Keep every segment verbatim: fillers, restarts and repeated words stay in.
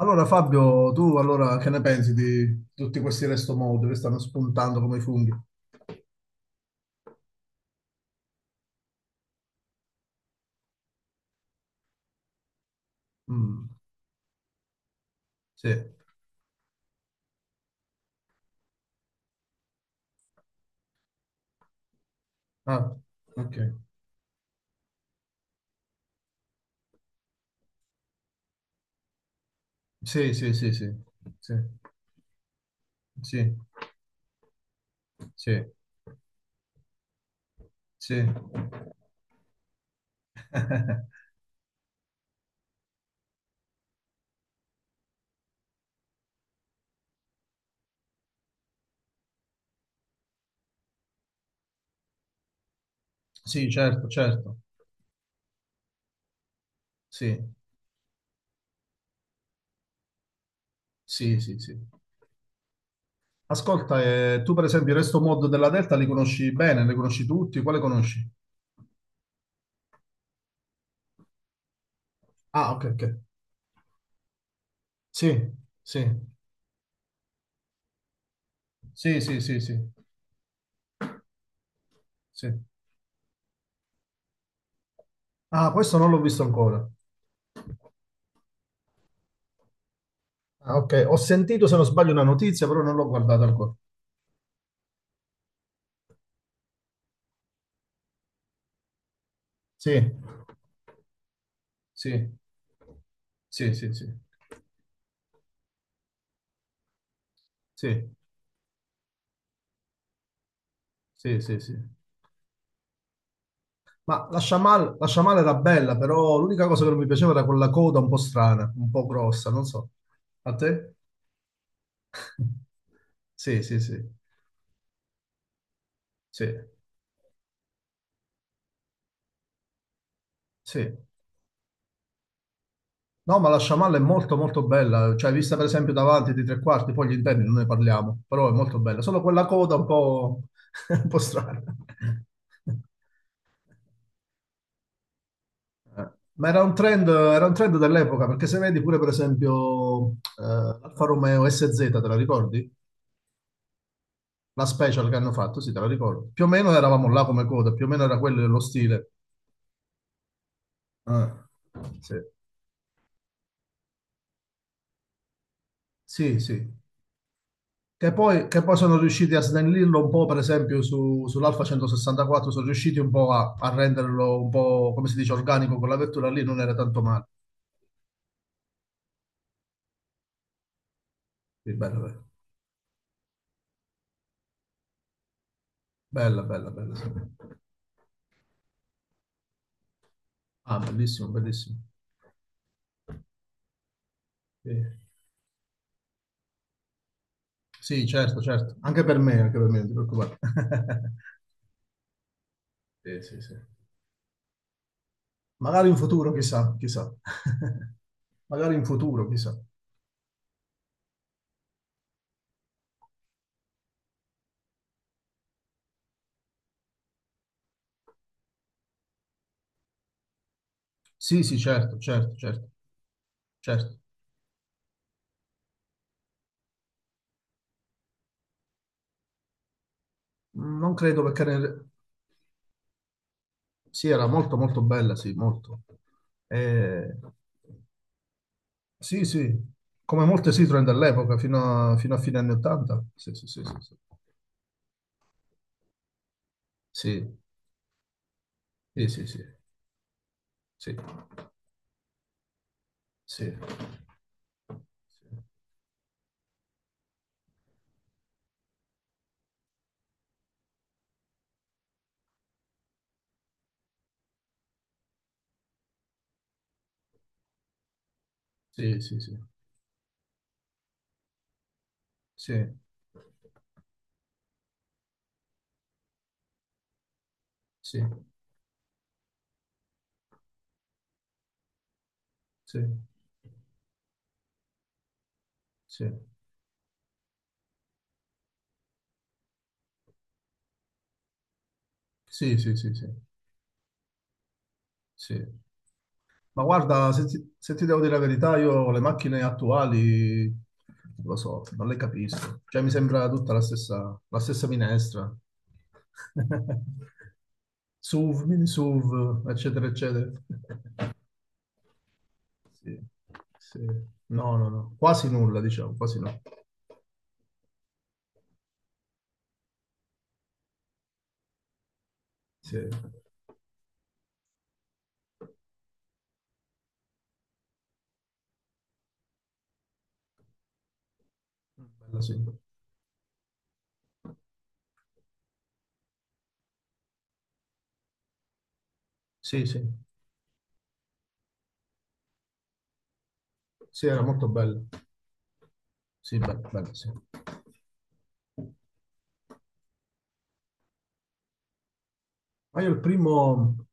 Allora Fabio, tu allora che ne pensi di tutti questi restomod che stanno spuntando come funghi? Mm, sì. Ah, ok. Sì, sì, sì, sì. Sì, sì, sì, sì. Sì, certo, certo. Sì, sì, sì, sì. Ascolta, eh, tu per esempio il resto mod della Delta li conosci bene, li conosci tutti? Quale conosci? Ah, ok, ok. Sì, sì, sì, sì, sì, sì, sì. Ah, questo non l'ho visto ancora. Ah, ok, ho sentito se non sbaglio una notizia, però non l'ho guardata ancora. Sì, sì, sì, sì, sì, sì, sì, sì, sì. Ma la Shamal, la Shamal era bella, però l'unica cosa che non mi piaceva era quella coda un po' strana, un po' grossa, non so. A te? Sì, sì, sì, sì, sì. No, ma la Shamal è molto, molto bella, cioè vista per esempio davanti di tre quarti, poi gli interni non ne parliamo, però è molto bella. Solo quella coda un po', un po' strana. Eh, Ma era un trend, era un trend dell'epoca, perché se vedi pure per esempio eh, l'Alfa Romeo S Z, te la ricordi? La special che hanno fatto, sì, te la ricordo. Più o meno eravamo là come coda, più o meno era quello lo stile. Ah, sì, sì, sì. Che poi, che poi sono riusciti a snellirlo un po', per esempio, su, sull'Alfa centosessantaquattro, sono riusciti un po' a, a renderlo un po', come si dice, organico, quella vettura lì non era tanto male. Sì, bella, bella, bella, bella, bella, sì. Ah, bellissimo, bellissimo. Sì. Sì, certo, certo. Anche per me, anche per me, non ti preoccupare. Sì, sì, sì. Magari in futuro, chissà, chissà. Magari in futuro, chissà. Sì, sì, certo, certo, certo, certo. Non credo perché... ne- Sì, era molto, molto bella, sì, molto. Eh, Sì, sì. Come molte Citroen dell'epoca, fino a, fino a fine anni ottanta. Sì, sì, sì, sì, sì. Sì, sì, sì, sì, sì, sì, sì, sì, sì, sì, sì, sì, sì. Sì, sì. Sì, sì, sì, sì, sì. Ma guarda, se ti, se ti devo dire la verità, io le macchine attuali, non lo so, non le capisco. Cioè, mi sembra tutta la stessa, la stessa minestra. SUV, mini SUV, eccetera, eccetera. Sì, sì. No, no, no. Quasi nulla, diciamo, quasi no. Sì, bella, sì. Sì, sì. Sì, era molto bello. Sì, bello, bello, sì. Ma io il primo,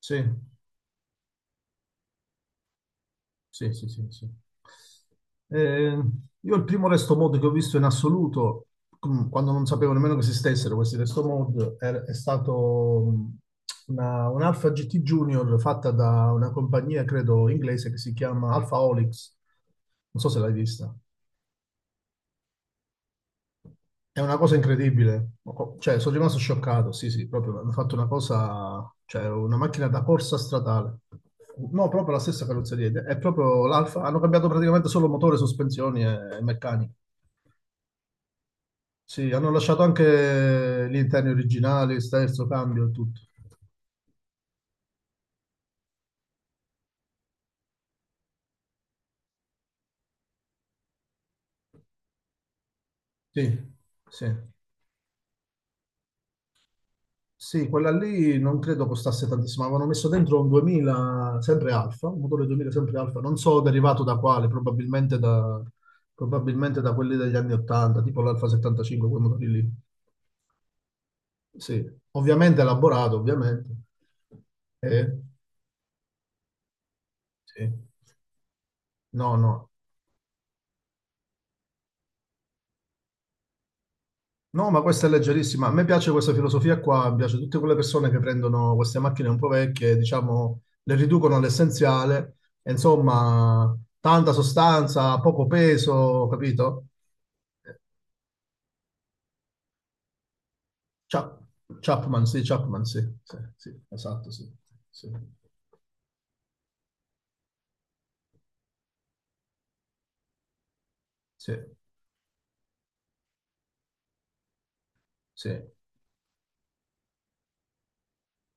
sì. Sì, sì, sì, sì. Eh, io il primo resto mod che ho visto in assoluto, com- quando non sapevo nemmeno che esistessero questi resto mod, è, è stato mm, una, un Alpha G T Junior fatta da una compagnia, credo, inglese che si chiama Alpha Olix. Non so se l'hai vista. È una cosa incredibile, cioè sono rimasto scioccato, sì sì, proprio hanno fatto una cosa, cioè una macchina da corsa stradale, no proprio la stessa carrozzeria, è proprio l'Alfa, hanno cambiato praticamente solo motore, sospensioni e, e meccanica, sì, hanno lasciato anche gli interni originali, sterzo, cambio e tutto, sì, sì. Sì, quella lì non credo costasse tantissimo. Avevano messo dentro un duemila, sempre Alfa, un motore duemila sempre Alfa, non so derivato da quale, probabilmente da, probabilmente da quelli degli anni ottanta, tipo l'Alfa settantacinque, quei motori lì. Sì, ovviamente elaborato, ovviamente. Eh, sì. No, no. No, ma questa è leggerissima. A me piace questa filosofia qua, mi piace tutte quelle persone che prendono queste macchine un po' vecchie, diciamo, le riducono all'essenziale, e insomma, tanta sostanza, poco peso, capito? Eh, Chap- Chapman, sì, Chapman, sì, sì, sì, esatto, sì, sì, sì,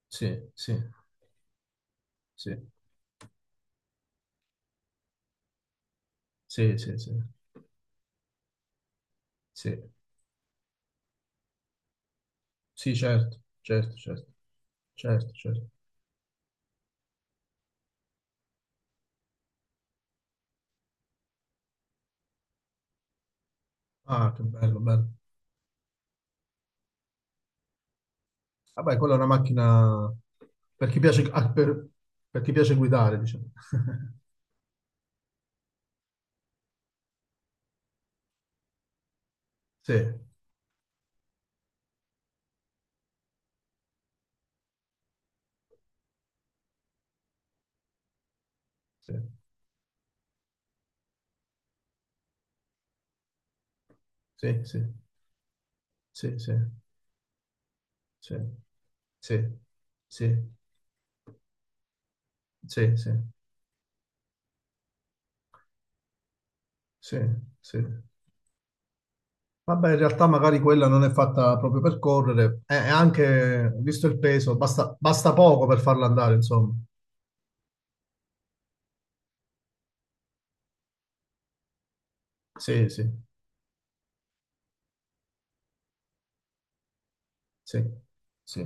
sì, sì, sì, sì, sì, sì, sì, sì, sì, certo, certo, certo, certo, certo. Ah, che bello, bello. Vabbè, quella è una macchina per chi piace, ah, per, per chi piace guidare, diciamo. Sì, sì, sì, sì, sì, sì, sì, sì, sì, sì, sì, sì, sì. Vabbè, in realtà magari quella non è fatta proprio per correre, e e anche, visto il peso, basta, basta poco per farla andare, insomma. Sì, sì, sì, sì,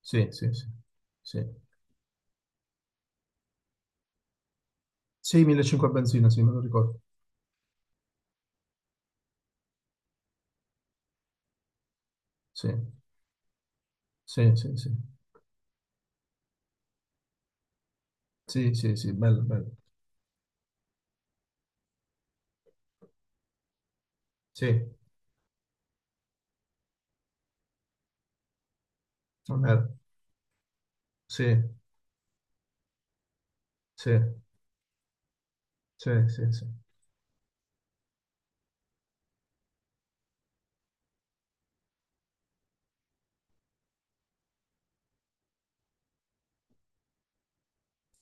sì, sì, sì, sì. Sì, millecinquecento benzina, sì, me lo ricordo. Sì, sì, sì, sì. Sì, sì, sì, bello, bello. Sì, non era. Sì, sì, sì, sì, sì.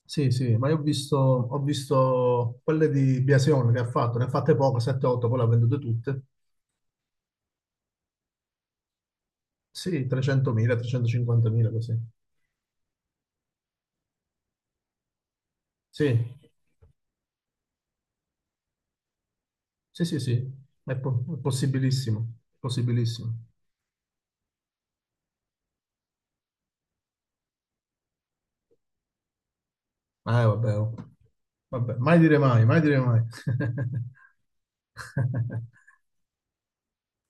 Sì, sì, ma io ho visto, ho visto quelle di Biasion che ha fatto, ne ha fatte poco, sette otto, poi le ha vendute tutte. Sì, trecentomila, trecentocinquantamila, così. Sì, sì, sì, sì, è, po- è possibilissimo, possibilissimo. Eh, vabbè, oh. Vabbè, mai dire mai, mai dire mai.